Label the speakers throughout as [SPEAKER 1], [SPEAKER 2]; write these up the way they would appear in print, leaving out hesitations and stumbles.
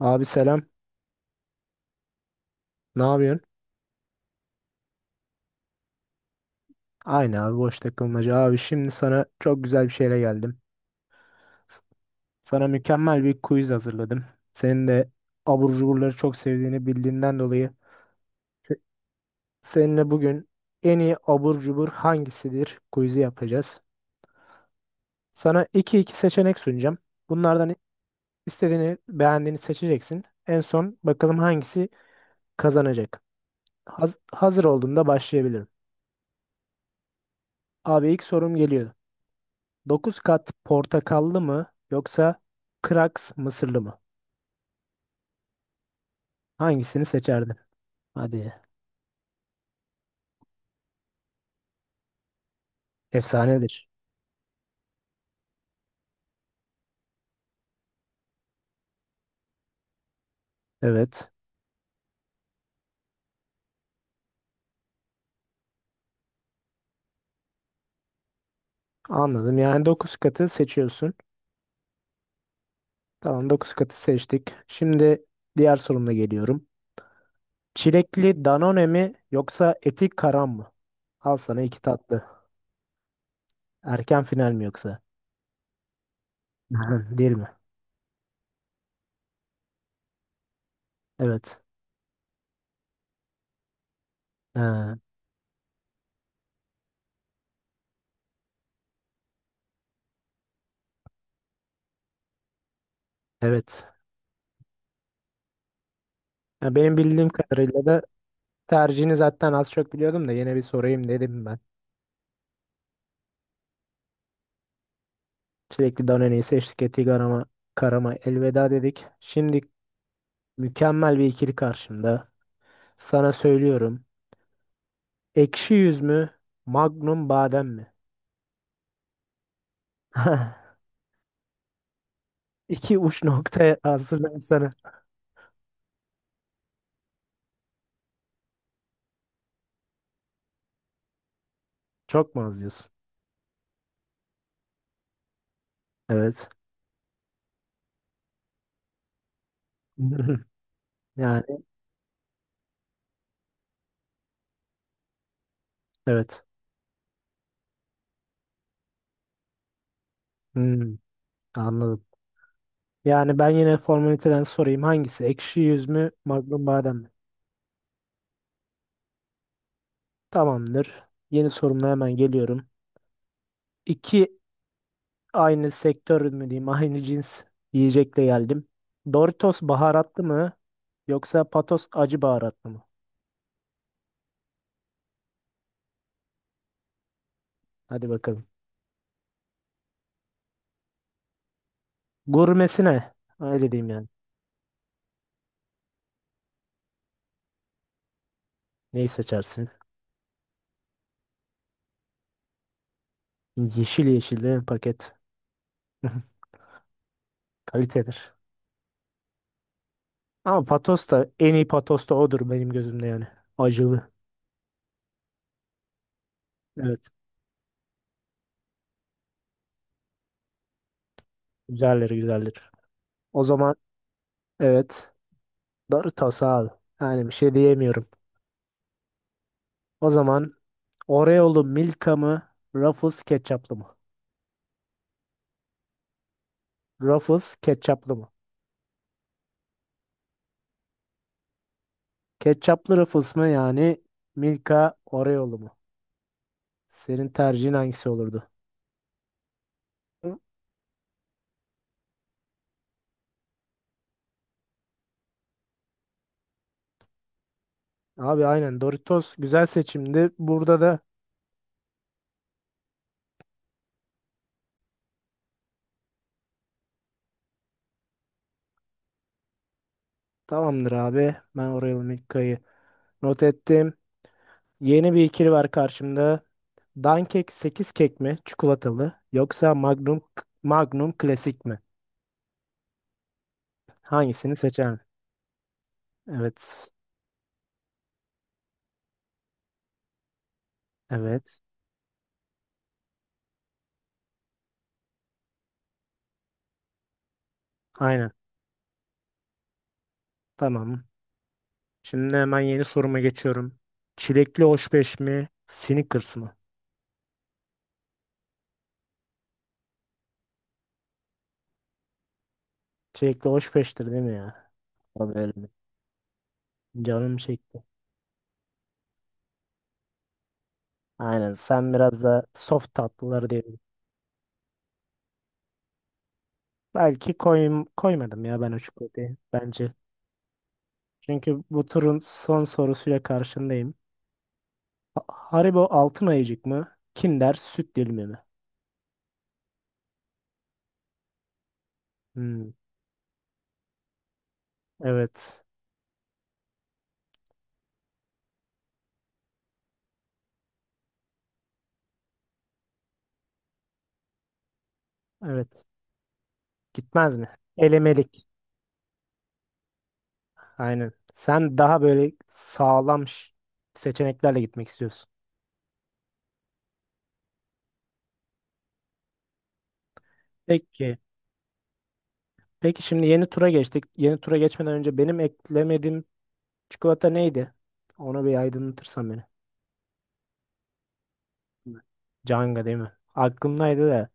[SPEAKER 1] Abi selam. Ne yapıyorsun? Aynı abi boş takılmaca. Abi şimdi sana çok güzel bir şeyle geldim. S- Sana mükemmel bir quiz hazırladım. Senin de abur cuburları çok sevdiğini bildiğimden dolayı se- seninle bugün en iyi abur cubur hangisidir quiz'i yapacağız. Sana iki seçenek sunacağım. Bunlardan istediğini beğendiğini seçeceksin. En son bakalım hangisi kazanacak. Hazır olduğunda başlayabilirim. Abi ilk sorum geliyor. 9 kat portakallı mı yoksa kraks mısırlı mı? Hangisini seçerdin? Hadi. Efsanedir. Evet. Anladım. Yani 9 katı seçiyorsun. Tamam, dokuz katı seçtik. Şimdi diğer sorumla geliyorum. Çilekli Danone mi yoksa eti karam mı? Al sana iki tatlı. Erken final mi yoksa? Değil mi? Evet. Ha, evet. Ya benim bildiğim kadarıyla da tercihini zaten az çok biliyordum da yine bir sorayım dedim ben. Çilekli Danone'yi seçtik. Eti karama, karama elveda dedik. Şimdi mükemmel bir ikili karşımda. Sana söylüyorum. Ekşi yüz mü? Magnum badem mi? İki uç noktaya hazırlayayım sana. Çok mu az diyorsun? Evet. Yani evet. Hmm, anladım. Yani ben yine formaliteden sorayım. Hangisi? Ekşi yüz mü? Magnum badem mi? Tamamdır. Yeni sorumla hemen geliyorum. İki aynı sektör mü diyeyim, aynı cins yiyecekle geldim. Doritos baharatlı mı yoksa Patos acı baharatlı mı? Hadi bakalım. Gurmesine. Öyle diyeyim yani. Neyi seçersin? Yeşil yeşil değil mi paket? Kalitedir. Ama Patos da en iyi Patos da odur benim gözümde yani. Acılı. Evet. Güzeldir, güzeldir. O zaman evet. Doritos abi. Yani bir şey diyemiyorum. O zaman Oreo'lu Milka mı? Ruffles ketçaplı mı? Ruffles ketçaplı mı? Ketçaplı Ruffles mı yani Milka Oreo'lu mu? Senin tercihin hangisi olurdu? Hı? Abi aynen Doritos güzel seçimdi. Burada da tamamdır abi. Ben Oreo Milka'yı not ettim. Yeni bir ikili var karşımda. Dunkek 8 kek mi? Çikolatalı yoksa Magnum klasik mi? Hangisini seçerdin? Evet. Evet. Aynen. Tamam. Şimdi hemen yeni soruma geçiyorum. Çilekli hoşbeş mi? Snickers mı? Sürekli hoş peştir değil mi ya? Abi öyle mi? Canım çekti. Aynen, sen biraz da soft tatlıları diyelim. Belki koyayım, koymadım ya ben o çikolatayı bence. Çünkü bu turun son sorusuyla karşındayım. Haribo altın ayıcık mı? Kinder süt dilimi mi? Hmm, evet. Evet. Gitmez mi? Elemelik. Aynen. Sen daha böyle sağlam seçeneklerle gitmek istiyorsun. Peki. Peki şimdi yeni tura geçtik. Yeni tura geçmeden önce benim eklemediğim çikolata neydi? Onu bir aydınlatırsan beni. Canga değil mi? Aklımdaydı da.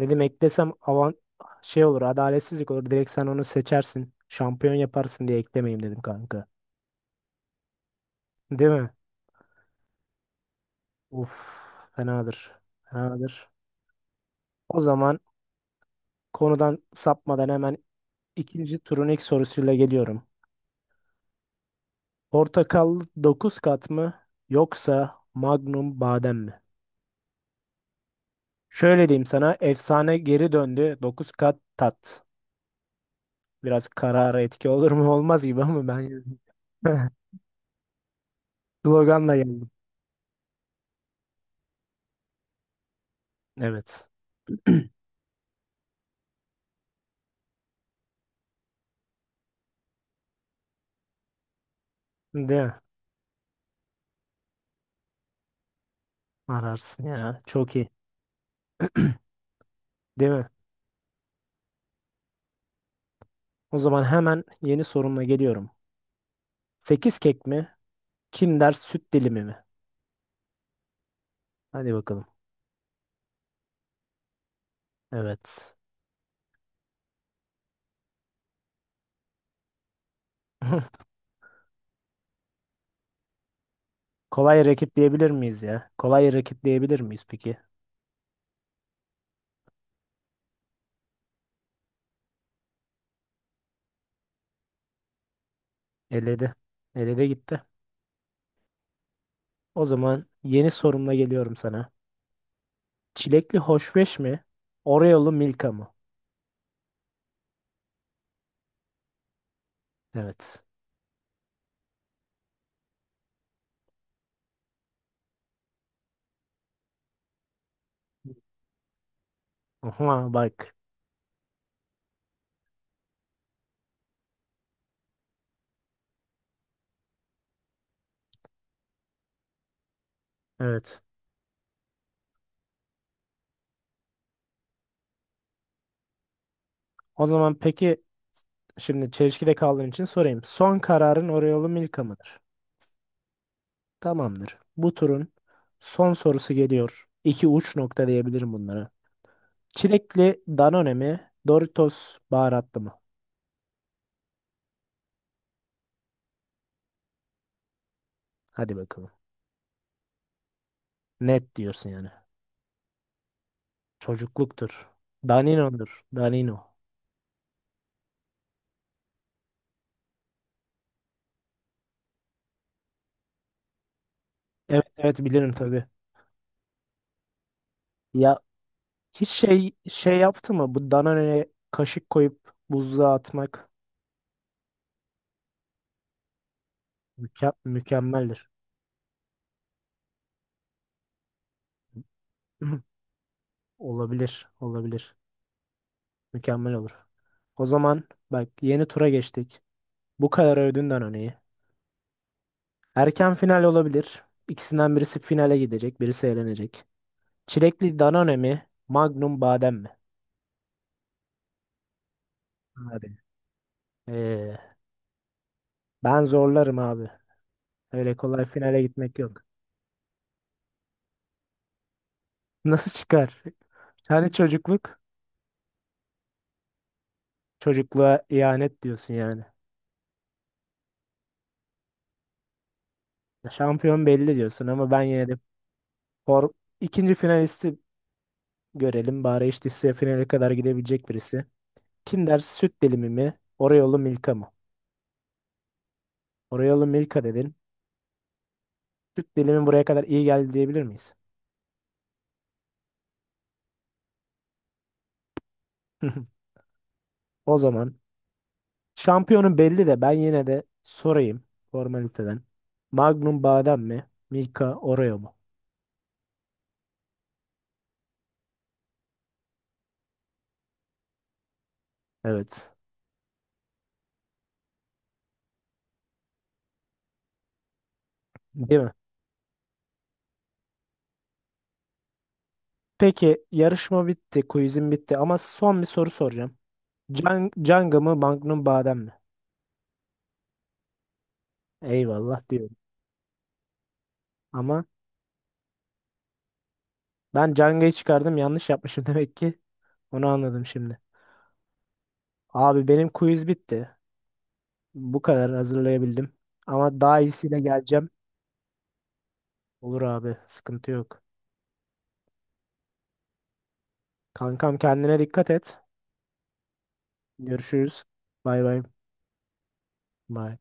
[SPEAKER 1] Dedim eklesem avant şey olur, adaletsizlik olur. Direkt sen onu seçersin. Şampiyon yaparsın diye eklemeyeyim dedim kanka. Değil mi? Uf, fenadır. Fenadır. O zaman konudan sapmadan hemen ikinci turun ilk sorusuyla geliyorum. Portakal 9 kat mı yoksa Magnum badem mi? Şöyle diyeyim sana, efsane geri döndü 9 kat tat. Biraz karara etki olur mu olmaz gibi ama ben sloganla geldim. Evet. Değil mi? Ararsın ya. Çok iyi. Değil mi? O zaman hemen yeni sorumla geliyorum. Sekiz kek mi? Kinder süt dilimi mi? Hadi bakalım. Evet. Kolay rakip diyebilir miyiz ya? Kolay rakip diyebilir miyiz peki? Eledi. Eledi gitti. O zaman yeni sorumla geliyorum sana. Çilekli hoşbeş mi? Oreo'lu Milka mı? Evet. Aha bak. Evet. O zaman peki şimdi çelişkide kaldığın için sorayım. Son kararın Oreo'lu Milka mıdır? Tamamdır. Bu turun son sorusu geliyor. İki uç nokta diyebilirim bunlara. Çilekli Danone mi? Doritos baharatlı mı? Hadi bakalım. Net diyorsun yani. Çocukluktur. Danino'dur. Danino. Evet, evet, bilirim tabii. Ya hiç şey yaptı mı? Bu Danone'ye kaşık koyup buzluğa atmak mükemmeldir. Olabilir, olabilir. Mükemmel olur. O zaman bak, yeni tura geçtik. Bu kadar övdüğünden örneği. Erken final olabilir. İkisinden birisi finale gidecek, birisi eğlenecek. Çilekli Danone mi, Magnum badem mi? Abi. Ee, ben zorlarım abi. Öyle kolay finale gitmek yok. Nasıl çıkar? Hani çocukluk? Çocukluğa ihanet diyorsun yani. Şampiyon belli diyorsun ama ben yine de for... ikinci finalisti görelim. Bari işte finale kadar gidebilecek birisi. Kinder süt dilimi mi? Oreo'lu Milka mı? Oreo'lu Milka dedin. Süt dilimi buraya kadar iyi geldi diyebilir miyiz? O zaman şampiyonun belli de ben yine de sorayım formaliteden. Magnum badem mi? Milka Oreo mu? Evet. Değil mi? Peki yarışma bitti, quizim bitti ama son bir soru soracağım. Can Canga mı Magnum badem mi? Eyvallah diyorum. Ama ben Canga'yı çıkardım, yanlış yapmışım demek ki. Onu anladım şimdi. Abi benim quiz bitti. Bu kadar hazırlayabildim. Ama daha iyisiyle geleceğim. Olur abi, sıkıntı yok. Kankam, kendine dikkat et. Görüşürüz. Bay bay. Bay.